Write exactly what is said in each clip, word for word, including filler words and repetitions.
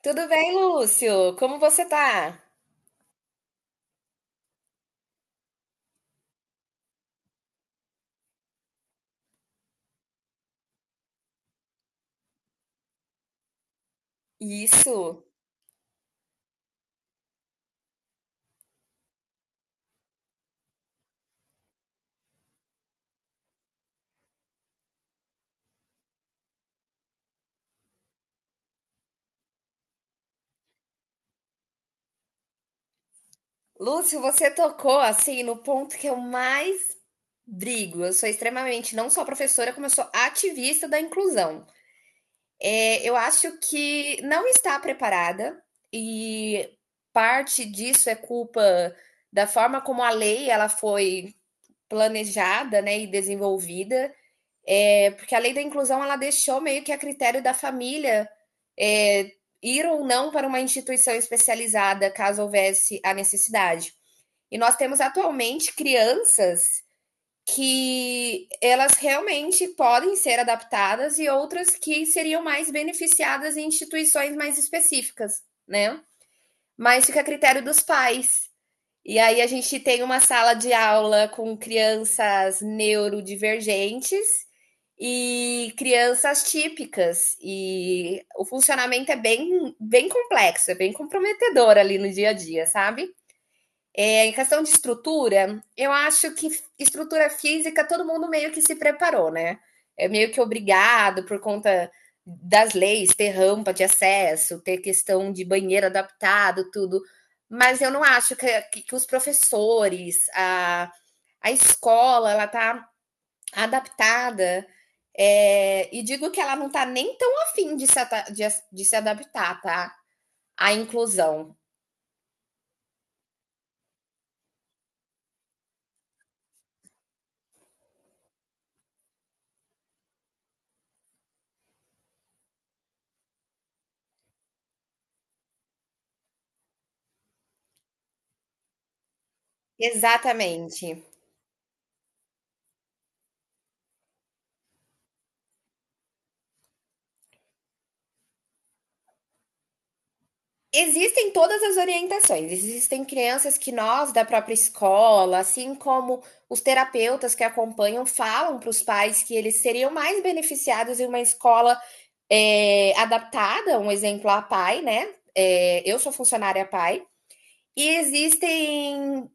Tudo bem, Lúcio? Como você tá? Isso. Lúcio, você tocou assim no ponto que eu mais brigo. Eu sou extremamente não só professora, como eu sou ativista da inclusão. É, eu acho que não está preparada e parte disso é culpa da forma como a lei ela foi planejada, né, e desenvolvida. É, porque a lei da inclusão ela deixou meio que a critério da família é, ir ou não para uma instituição especializada caso houvesse a necessidade. E nós temos atualmente crianças que elas realmente podem ser adaptadas e outras que seriam mais beneficiadas em instituições mais específicas, né? Mas fica a critério dos pais. E aí a gente tem uma sala de aula com crianças neurodivergentes e crianças típicas. E o funcionamento é bem, bem complexo, é bem comprometedor ali no dia a dia, sabe? É, em questão de estrutura, eu acho que estrutura física todo mundo meio que se preparou, né? É meio que obrigado por conta das leis, ter rampa de acesso, ter questão de banheiro adaptado, tudo. Mas eu não acho que, que, os professores, a, a escola, ela tá adaptada. É, e digo que ela não tá nem tão afim de se, de, de se adaptar, tá? À inclusão. Exatamente. Existem todas as orientações. Existem crianças que nós, da própria escola, assim como os terapeutas que acompanham, falam para os pais que eles seriam mais beneficiados em uma escola é, adaptada, um exemplo a pai, né? É, eu sou funcionária pai. E existem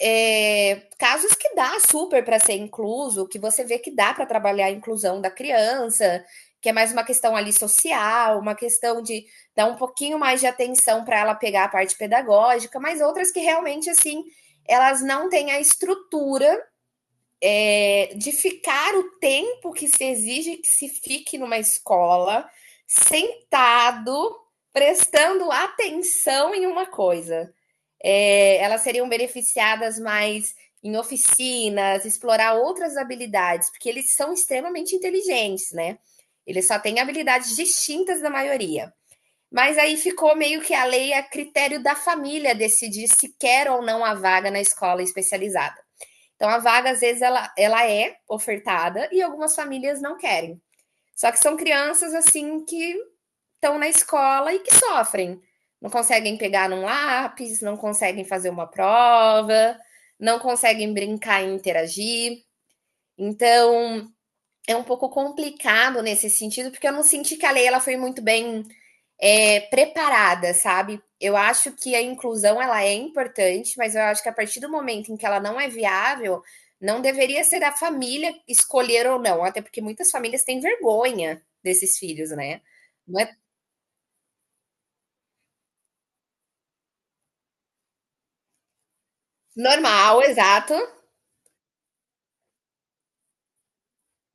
é, casos que dá super para ser incluso, que você vê que dá para trabalhar a inclusão da criança, que é mais uma questão ali social, uma questão de dar um pouquinho mais de atenção para ela pegar a parte pedagógica, mas outras que realmente assim elas não têm a estrutura é, de ficar o tempo que se exige que se fique numa escola sentado prestando atenção em uma coisa. É, elas seriam beneficiadas mais em oficinas, explorar outras habilidades, porque eles são extremamente inteligentes, né? Eles só têm habilidades distintas da maioria. Mas aí ficou meio que a lei a critério da família decidir se quer ou não a vaga na escola especializada. Então, a vaga, às vezes, ela, ela é ofertada e algumas famílias não querem. Só que são crianças, assim, que estão na escola e que sofrem. Não conseguem pegar num lápis, não conseguem fazer uma prova, não conseguem brincar e interagir. Então, é um pouco complicado nesse sentido, porque eu não senti que a lei ela foi muito bem é, preparada, sabe? Eu acho que a inclusão ela é importante, mas eu acho que a partir do momento em que ela não é viável, não deveria ser a família escolher ou não, até porque muitas famílias têm vergonha desses filhos, né? Não. Normal, exato.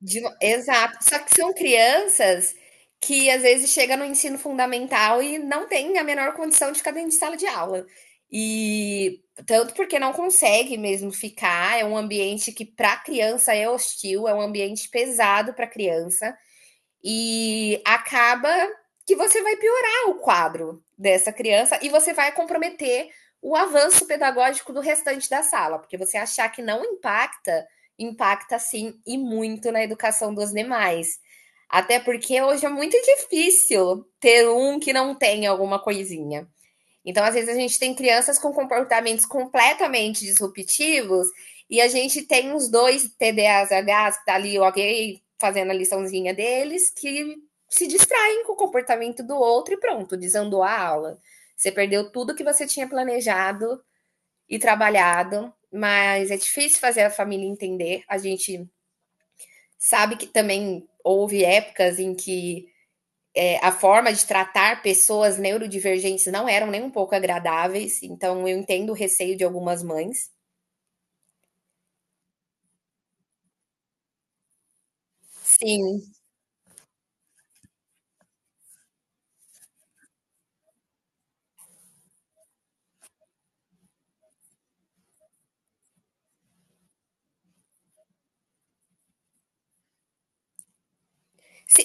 De- exato. Só que são crianças que às vezes chegam no ensino fundamental e não têm a menor condição de ficar dentro de sala de aula. E tanto porque não consegue mesmo ficar, é um ambiente que para criança é hostil, é um ambiente pesado para criança. E acaba que você vai piorar o quadro dessa criança e você vai comprometer o avanço pedagógico do restante da sala, porque você achar que não impacta, impacta sim e muito na educação dos demais. Até porque hoje é muito difícil ter um que não tem alguma coisinha. Então, às vezes, a gente tem crianças com comportamentos completamente disruptivos e a gente tem uns dois T D A Hs que tá ali, ok, fazendo a liçãozinha deles, que se distraem com o comportamento do outro e pronto, desandou a aula. Você perdeu tudo que você tinha planejado e trabalhado, mas é difícil fazer a família entender. A gente sabe que também houve épocas em que a forma de tratar pessoas neurodivergentes não eram nem um pouco agradáveis, então eu entendo o receio de algumas mães. Sim.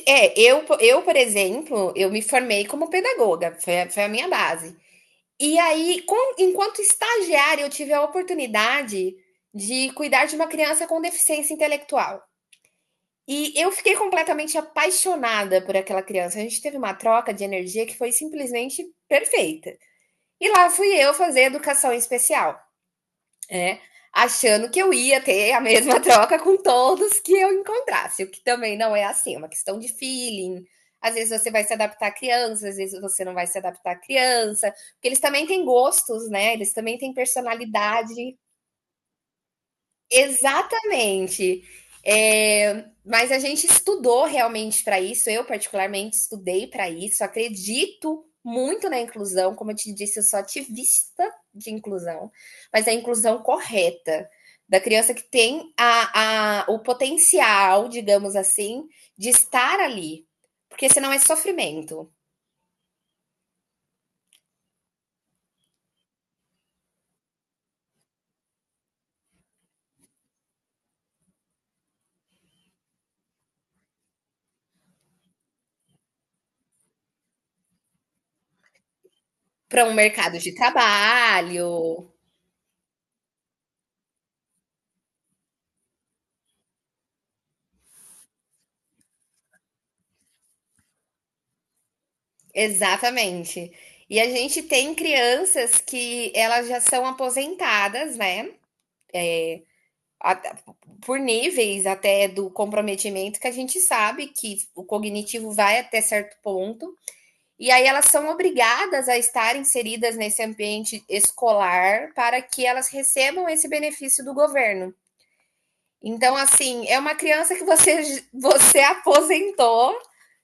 É, eu, eu, por exemplo, eu me formei como pedagoga, foi, a- foi a minha base. E aí, com- enquanto estagiária, eu tive a oportunidade de cuidar de uma criança com deficiência intelectual. E eu fiquei completamente apaixonada por aquela criança. A gente teve uma troca de energia que foi simplesmente perfeita. E lá fui eu fazer educação especial. É, Achando que eu ia ter a mesma troca com todos que eu encontrasse, o que também não é assim, é uma questão de feeling. Às vezes você vai se adaptar à criança, às vezes você não vai se adaptar à criança, porque eles também têm gostos, né? Eles também têm personalidade. Exatamente. É, mas a gente estudou realmente para isso, eu particularmente estudei para isso, acredito muito na inclusão, como eu te disse, eu sou ativista de inclusão, mas a inclusão correta, da criança que tem a, a, o potencial, digamos assim, de estar ali, porque senão é sofrimento para um mercado de trabalho. Exatamente. E a gente tem crianças que elas já são aposentadas, né? Até- Por níveis até do comprometimento, que a gente sabe que o cognitivo vai até certo ponto. E aí elas são obrigadas a estar inseridas nesse ambiente escolar para que elas recebam esse benefício do governo. Então, assim, é uma criança que você, você aposentou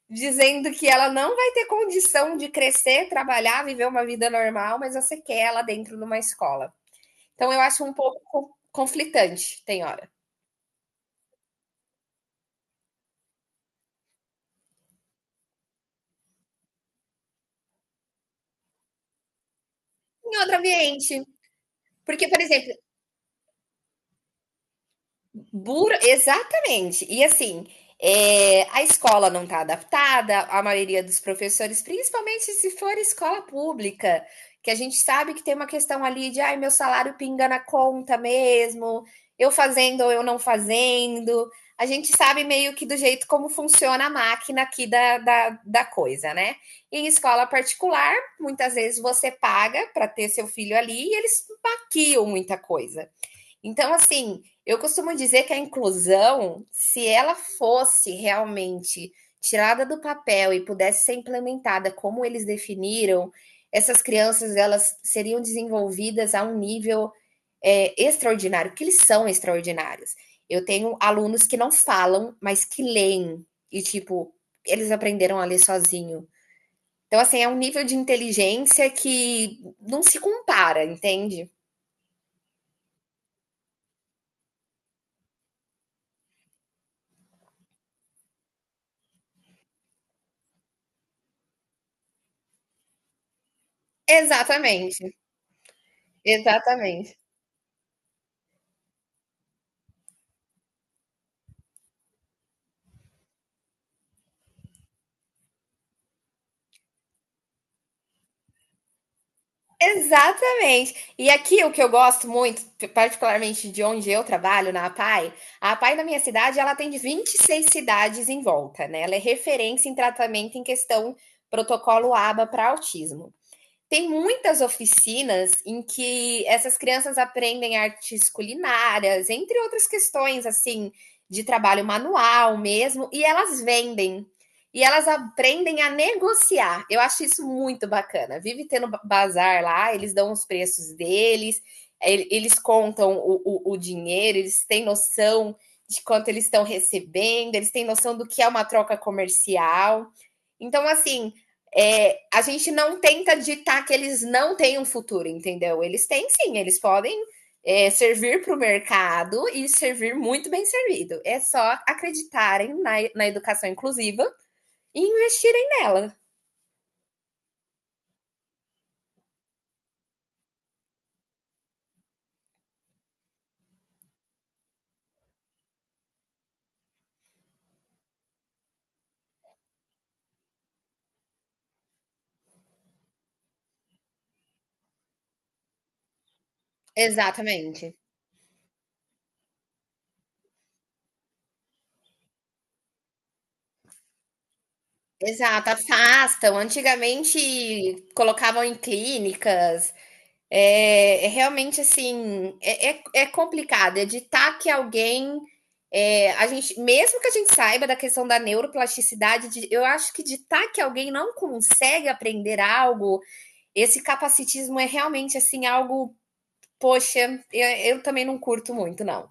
dizendo que ela não vai ter condição de crescer, trabalhar, viver uma vida normal, mas você quer ela dentro de uma escola. Então eu acho um pouco conflitante, tem hora. Em outro ambiente. Porque, por exemplo, Buro... Exatamente. E assim, é, a escola não está adaptada, a maioria dos professores, principalmente se for escola pública, que a gente sabe que tem uma questão ali de ai, meu salário pinga na conta mesmo, eu fazendo ou eu não fazendo. A gente sabe meio que do jeito como funciona a máquina aqui da, da, da coisa, né? E em escola particular, muitas vezes você paga para ter seu filho ali e eles maquiam muita coisa. Então, assim, eu costumo dizer que a inclusão, se ela fosse realmente tirada do papel e pudesse ser implementada como eles definiram, essas crianças elas seriam desenvolvidas a um nível é, extraordinário, porque eles são extraordinários. Eu tenho alunos que não falam, mas que leem e tipo eles aprenderam a ler sozinho. Então, assim, é um nível de inteligência que não se compara, entende? Exatamente, exatamente. Exatamente. E aqui o que eu gosto muito, particularmente de onde eu trabalho, na APAI, a APAI na minha cidade, ela tem vinte e seis cidades em volta, né? Ela é referência em tratamento em questão protocolo ABA para autismo. Tem muitas oficinas em que essas crianças aprendem artes culinárias, entre outras questões, assim, de trabalho manual mesmo, e elas vendem. E elas aprendem a negociar. Eu acho isso muito bacana. Vive tendo bazar lá, eles dão os preços deles, eles contam o, o, o dinheiro, eles têm noção de quanto eles estão recebendo, eles têm noção do que é uma troca comercial. Então, assim, é, a gente não tenta ditar que eles não têm um futuro, entendeu? Eles têm sim, eles podem é, servir para o mercado e servir muito bem servido. É só acreditarem na, na educação inclusiva e investirem nela. Exatamente. Exato, afastam. Antigamente colocavam em clínicas. É, é realmente assim, é, é, é complicado editar que alguém. É, a gente, mesmo que a gente saiba da questão da neuroplasticidade, de- eu acho que ditar que alguém não consegue aprender algo, esse capacitismo é realmente assim algo, poxa, eu, eu também não curto muito, não.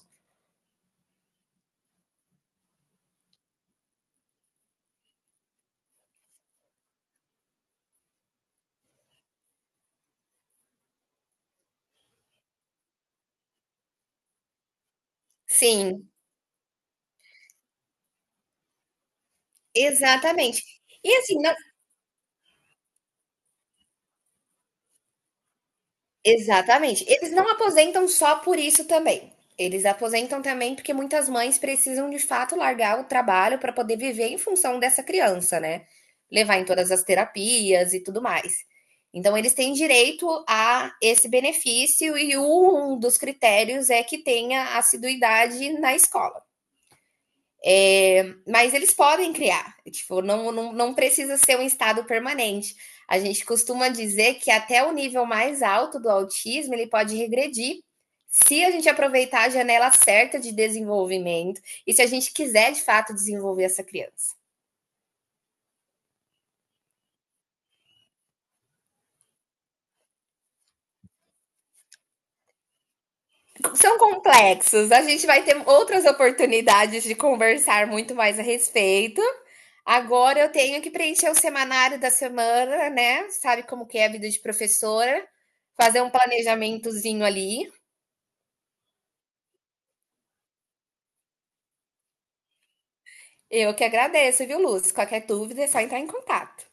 Sim, exatamente. E assim, não. Exatamente. Eles não aposentam só por isso também. Eles aposentam também porque muitas mães precisam de fato largar o trabalho para poder viver em função dessa criança, né? Levar em todas as terapias e tudo mais. Então, eles têm direito a esse benefício e um dos critérios é que tenha assiduidade na escola. Mas eles podem criar, tipo, não, não, não precisa ser um estado permanente. A gente costuma dizer que até o nível mais alto do autismo ele pode regredir se a gente aproveitar a janela certa de desenvolvimento e se a gente quiser de fato desenvolver essa criança. São complexos, a gente vai ter outras oportunidades de conversar muito mais a respeito. Agora eu tenho que preencher o semanário da semana, né? Sabe como que é a vida de professora, fazer um planejamentozinho ali. Eu que agradeço, viu, Lúcio? Qualquer dúvida é só entrar em contato.